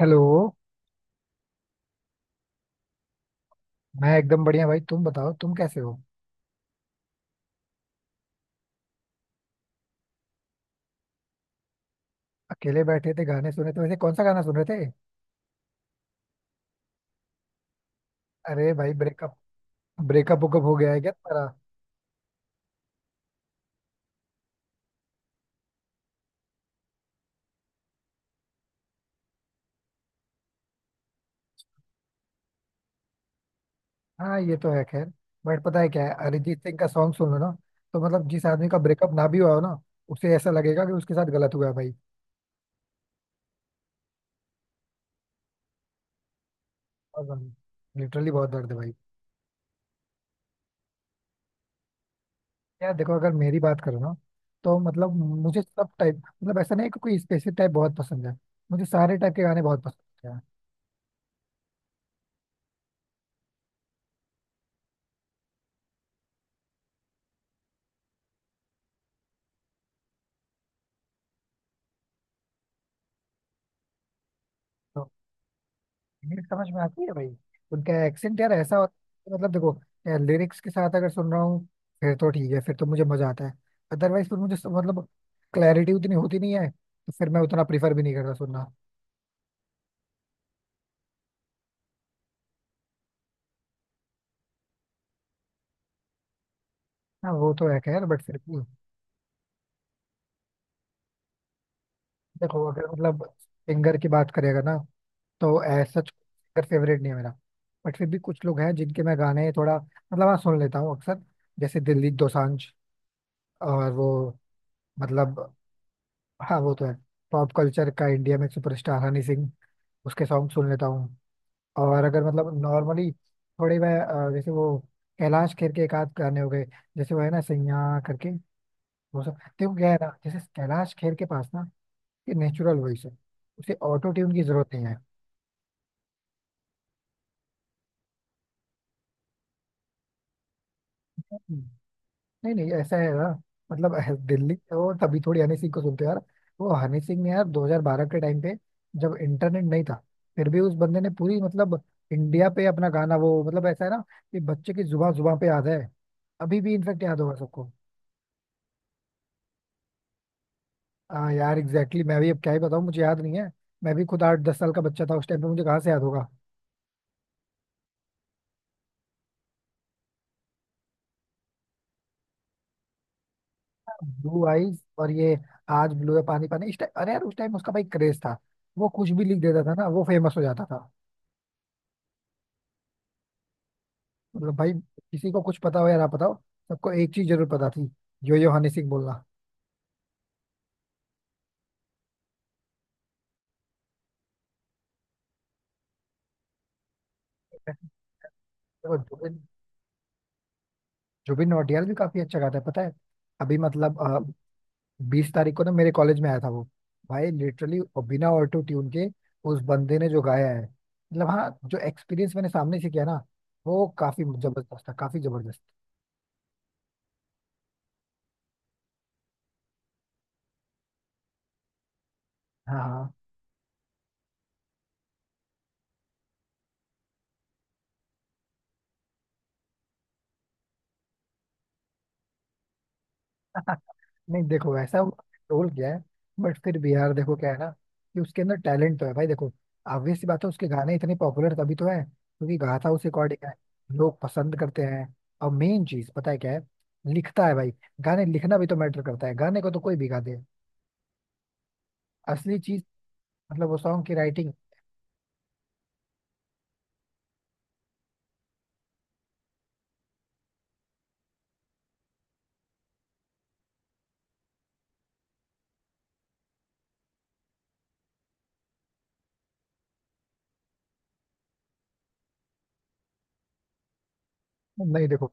Hello. मैं एकदम बढ़िया भाई। तुम बताओ, तुम कैसे हो? अकेले बैठे थे, गाने सुने थे। वैसे कौन सा गाना सुन रहे थे? अरे भाई, ब्रेकअप ब्रेकअप वुकअप हो गया है क्या तुम्हारा? हाँ, ये तो है। खैर, बट पता है क्या है? अरिजीत सिंह का सॉन्ग सुन लो ना। तो मतलब, जिस आदमी का ब्रेकअप ना भी हुआ हो ना, उसे ऐसा लगेगा कि उसके साथ गलत हुआ है भाई। और लिटरली बहुत दर्द है भाई। यार देखो, अगर मेरी बात करो ना, तो मतलब मुझे सब टाइप, मतलब ऐसा नहीं है कि कोई स्पेसिफिक टाइप बहुत पसंद है। मुझे सारे टाइप के गाने बहुत पसंद है। तो हिंट समझ में आती है भाई। उनका एक्सेंट यार ऐसा होता है, मतलब देखो, यार लिरिक्स के साथ अगर सुन रहा हूँ फिर तो ठीक है, फिर तो मुझे मजा आता है। अदरवाइज फिर मुझे मतलब क्लैरिटी उतनी होती नहीं है, तो फिर मैं उतना प्रीफर भी नहीं करता सुनना। हाँ, वो तो है। खैर बट फिर भी। देखो, अगर मतलब सिंगर की बात करेगा ना, तो एज सच सिंगर फेवरेट नहीं है मेरा। बट फिर भी कुछ लोग हैं जिनके मैं गाने थोड़ा, मतलब हाँ, सुन लेता हूँ अक्सर, जैसे दिलजीत दोसांझ, और वो मतलब, हाँ, वो तो है। पॉप कल्चर का इंडिया में सुपरस्टार हनी सिंह, उसके सॉन्ग सुन लेता हूँ। और अगर मतलब नॉर्मली थोड़े मैं, जैसे वो कैलाश खेर के एक आध गाने हो गए, जैसे वो है ना सैया करके। वो सब देखो क्या है ना, जैसे कैलाश खेर के पास ना ये नेचुरल वॉइस है। उसे ऑटो ट्यून की जरूरत नहीं है। नहीं नहीं, ऐसा है ना, मतलब दिल्ली और तभी थोड़ी हनी सिंह को सुनते हो यार। वो हनी सिंह ने यार 2012 के टाइम पे, जब इंटरनेट नहीं था, फिर भी उस बंदे ने पूरी मतलब इंडिया पे अपना गाना, वो मतलब ऐसा है ना कि बच्चे की जुबा जुबा पे याद है। अभी भी इनफेक्ट याद होगा सबको। हाँ यार एग्जैक्टली exactly, मैं भी अब क्या ही बताऊँ, मुझे याद नहीं है। मैं भी खुद 8-10 साल का बच्चा था उस टाइम पे, मुझे कहाँ से याद होगा। ब्लू आईज और ये आज ब्लू है पानी पानी इस टाइम, अरे यार उस टाइम उसका भाई क्रेज था। वो कुछ भी लिख देता था ना, वो फेमस हो जाता था। मतलब भाई, किसी को कुछ पता हो या ना पता हो, सबको एक चीज जरूर पता थी यो यो हनी सिंह बोलना। देखो, जुबिन जुबिन नौटियाल भी काफी अच्छा गाता है पता है। अभी मतलब, 20 तारीख को ना मेरे कॉलेज में आया था वो। भाई लिटरली, बिना ऑटो ट्यून के उस बंदे ने जो गाया है, मतलब हाँ, जो एक्सपीरियंस मैंने सामने से किया ना, वो काफी जबरदस्त था, काफी जबरदस्त। हाँ हाँ। नहीं देखो वैसा रोल किया है, बट फिर भी यार देखो क्या है ना, कि उसके अंदर टैलेंट तो है भाई, देखो, obvious सी बात है, उसके गाने इतने पॉपुलर तभी तो है क्योंकि गाता उस अकॉर्डिंग है। लोग पसंद करते हैं। और मेन चीज पता है क्या है? लिखता है भाई। गाने लिखना भी तो मैटर करता है, गाने को तो कोई भी गा दे। असली चीज मतलब वो सॉन्ग की राइटिंग। नहीं देखो,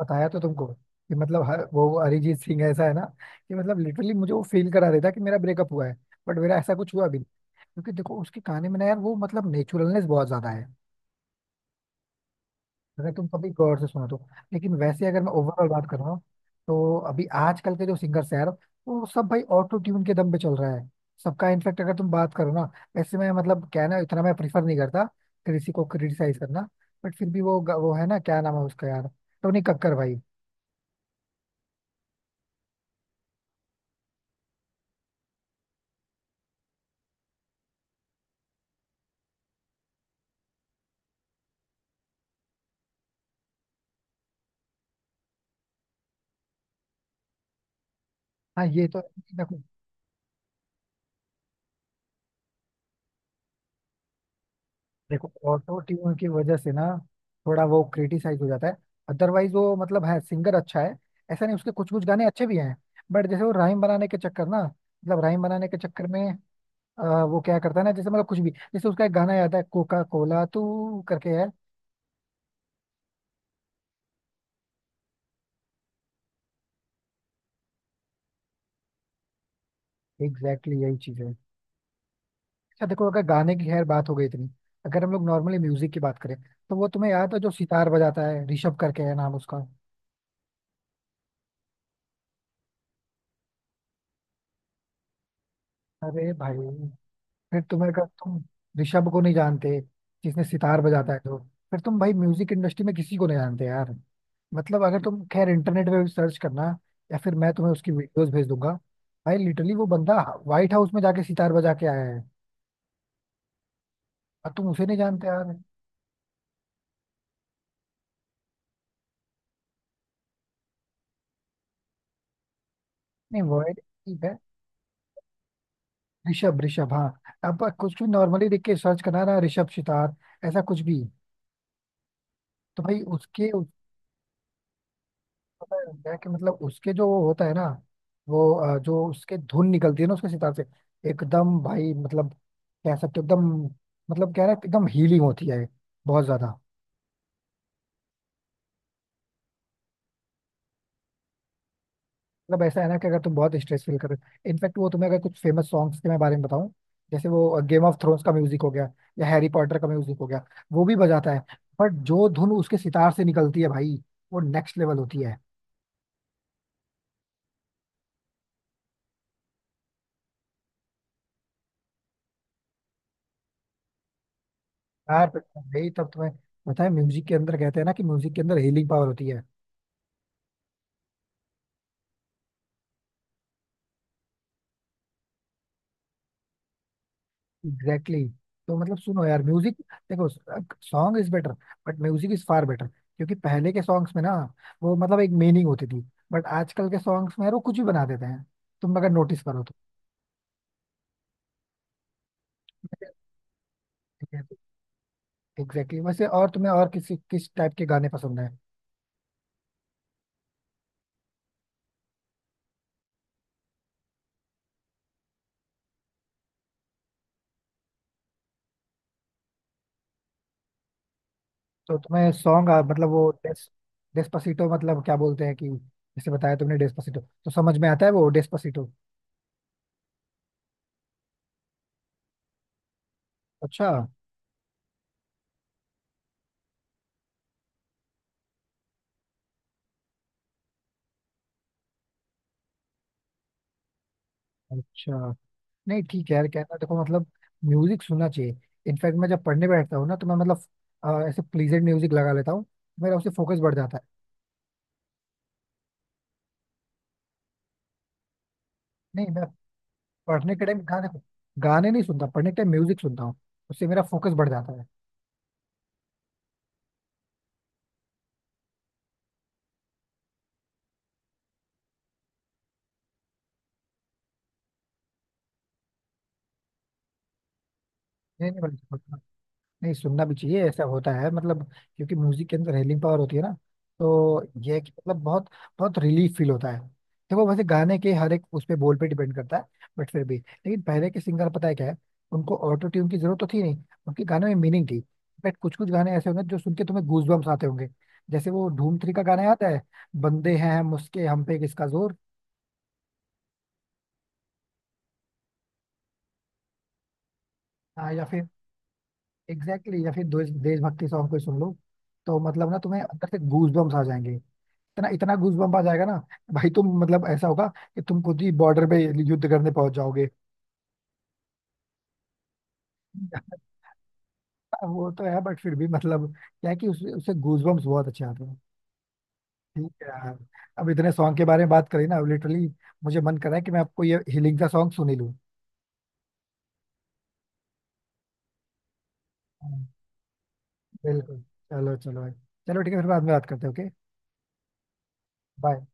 बताया तो तुमको, कि मतलब वो अरिजीत सिंह ऐसा है ना, कि मतलब लिटरली मुझे वो फील करा देता कि मेरा ब्रेकअप हुआ है, बट मेरा ऐसा कुछ हुआ भी। क्योंकि देखो, उसकी कहानी में ना यार, वो मतलब नेचुरलनेस बहुत ज्यादा है। अगर तुम कभी गौर से सुनो तो। लेकिन वैसे अगर मैं ओवरऑल बात कर रहा हूँ, तो अभी आजकल के जो सिंगर्स हैं यार, वो सब भाई ऑटो ट्यून के दम पे चल रहा है। सबका इनफेक्ट अगर तुम बात करो ना, ऐसे में मतलब क्या है ना, इतना मैं प्रीफर नहीं करता किसी को क्रिटिसाइज करना। बट फिर भी वो वो है ना, क्या नाम है उसका यार, टोनी कक्कर भाई। हाँ, ये तो है। देखो ऑटो ट्यून की वजह से ना, थोड़ा वो क्रिटिसाइज हो जाता है। अदरवाइज वो मतलब है, सिंगर अच्छा है, ऐसा नहीं, उसके कुछ कुछ गाने अच्छे भी हैं। बट जैसे वो राइम बनाने के चक्कर ना, मतलब राइम बनाने के चक्कर में, वो क्या करता है ना, जैसे मतलब कुछ भी, जैसे उसका एक गाना याद है कोका कोला तू करके है। एग्जैक्टली यही चीज है। अच्छा, देखो अगर गाने की खैर बात हो गई इतनी, अगर हम लोग नॉर्मली म्यूजिक की बात करें, तो वो तुम्हें याद है, जो सितार बजाता है ऋषभ करके है नाम उसका। अरे भाई, फिर तुम्हें, अगर तुम ऋषभ को नहीं जानते, जिसने सितार बजाता है तो, फिर तुम भाई म्यूजिक इंडस्ट्री में किसी को नहीं जानते यार। मतलब अगर तुम खैर इंटरनेट पे भी सर्च करना, या फिर मैं तुम्हें उसकी वीडियोस भेज दूंगा। भाई लिटरली वो बंदा व्हाइट हाउस में जाके सितार बजा के आया है, और तुम उसे नहीं जानते यार। नहीं वर्ड ठीक है। ऋषभ, ऋषभ हाँ। अब कुछ भी नॉर्मली देख के सर्च करना ना, ऋषभ सितार, ऐसा कुछ भी। तो भाई उसके पता है क्या है, कि मतलब उसके जो वो होता है ना, वो जो उसके धुन निकलती है ना उसके सितार से, एकदम भाई मतलब, कह सकते हो एकदम, मतलब कह रहा है एकदम हीलिंग होती है, बहुत ज्यादा। मतलब ऐसा है ना, कि अगर तुम बहुत स्ट्रेस फील कर रहे हो, इनफैक्ट वो तुम्हें, अगर कुछ फेमस सॉन्ग्स के मैं बारे में बताऊं, जैसे वो गेम ऑफ थ्रोन्स का म्यूजिक हो गया, या हैरी पॉटर का म्यूजिक हो गया, वो भी बजाता है। बट जो धुन उसके सितार से निकलती है भाई, वो नेक्स्ट लेवल होती है। यार भाई, तब तुम्हें पता है म्यूजिक के अंदर कहते हैं ना, कि म्यूजिक के अंदर हीलिंग पावर होती है। Exactly exactly। तो मतलब सुनो यार म्यूजिक, देखो song is better, but music is far better, क्योंकि पहले के सॉन्ग्स में ना, वो मतलब एक मीनिंग होती थी। बट आजकल के सॉन्ग्स में यार, वो कुछ भी बना देते हैं, तुम अगर नोटिस करो तो। Exactly exactly। वैसे और तुम्हें और किसी किस टाइप के गाने पसंद है? तो तुम्हें सॉन्ग मतलब वो डेस्पासिटो मतलब क्या बोलते हैं कि, जैसे बताया तुमने डेस्पासिटो तो समझ में आता है वो डेस्पासिटो। अच्छा, अच्छा। नहीं ठीक है यार, कहना, देखो मतलब, म्यूजिक सुनना चाहिए। इनफैक्ट मैं जब पढ़ने बैठता हूँ ना, तो मैं मतलब ऐसे प्लीजेंट म्यूजिक लगा लेता हूँ। मेरा उससे फोकस बढ़ जाता है। नहीं मैं पढ़ने के टाइम गाने, गाने नहीं सुनता। पढ़ने के टाइम म्यूजिक सुनता हूँ। उससे मेरा फोकस बढ़ जाता है। नहीं नहीं, नहीं सुनना भी चाहिए, ऐसा होता है मतलब, क्योंकि म्यूजिक के अंदर हीलिंग पावर होती है ना, तो ये है कि मतलब बहुत बहुत रिलीफ फील होता है। देखो, वैसे गाने के हर एक उस पे बोल पे डिपेंड करता है। बट फिर भी, लेकिन पहले के सिंगर पता है क्या है, उनको ऑटो ट्यून की जरूरत तो थी नहीं, उनके गाने में मीनिंग थी। बट कुछ कुछ गाने ऐसे होंगे जो सुन के तुम्हें गूज बम्स आते होंगे। जैसे वो धूम 3 का गाना आता है बंदे हैं हम उसके, हम पे किसका जोर। हाँ, या फिर एग्जैक्टली exactly, या फिर देशभक्ति सॉन्ग कोई सुन लो, तो मतलब ना तुम्हें अंदर से गूज बम्स आ जाएंगे, इतना इतना गूजबम्प आ जाएगा ना। भाई तुम, मतलब ऐसा होगा कि तुम खुद ही बॉर्डर पे युद्ध करने पहुंच जाओगे। वो तो है, बट फिर भी मतलब क्या है कि उससे गूजबम्प्स बहुत अच्छे आते हैं। ठीक है यार, अब इतने सॉन्ग के बारे में बात करी ना, अब लिटरली मुझे मन कर रहा है कि मैं आपको ये हीलिंग का सॉन्ग सुन ही लूँ। हाँ, बिल्कुल। चलो चलो भाई, चलो ठीक है, फिर बाद में बात करते हैं, ओके। बाय।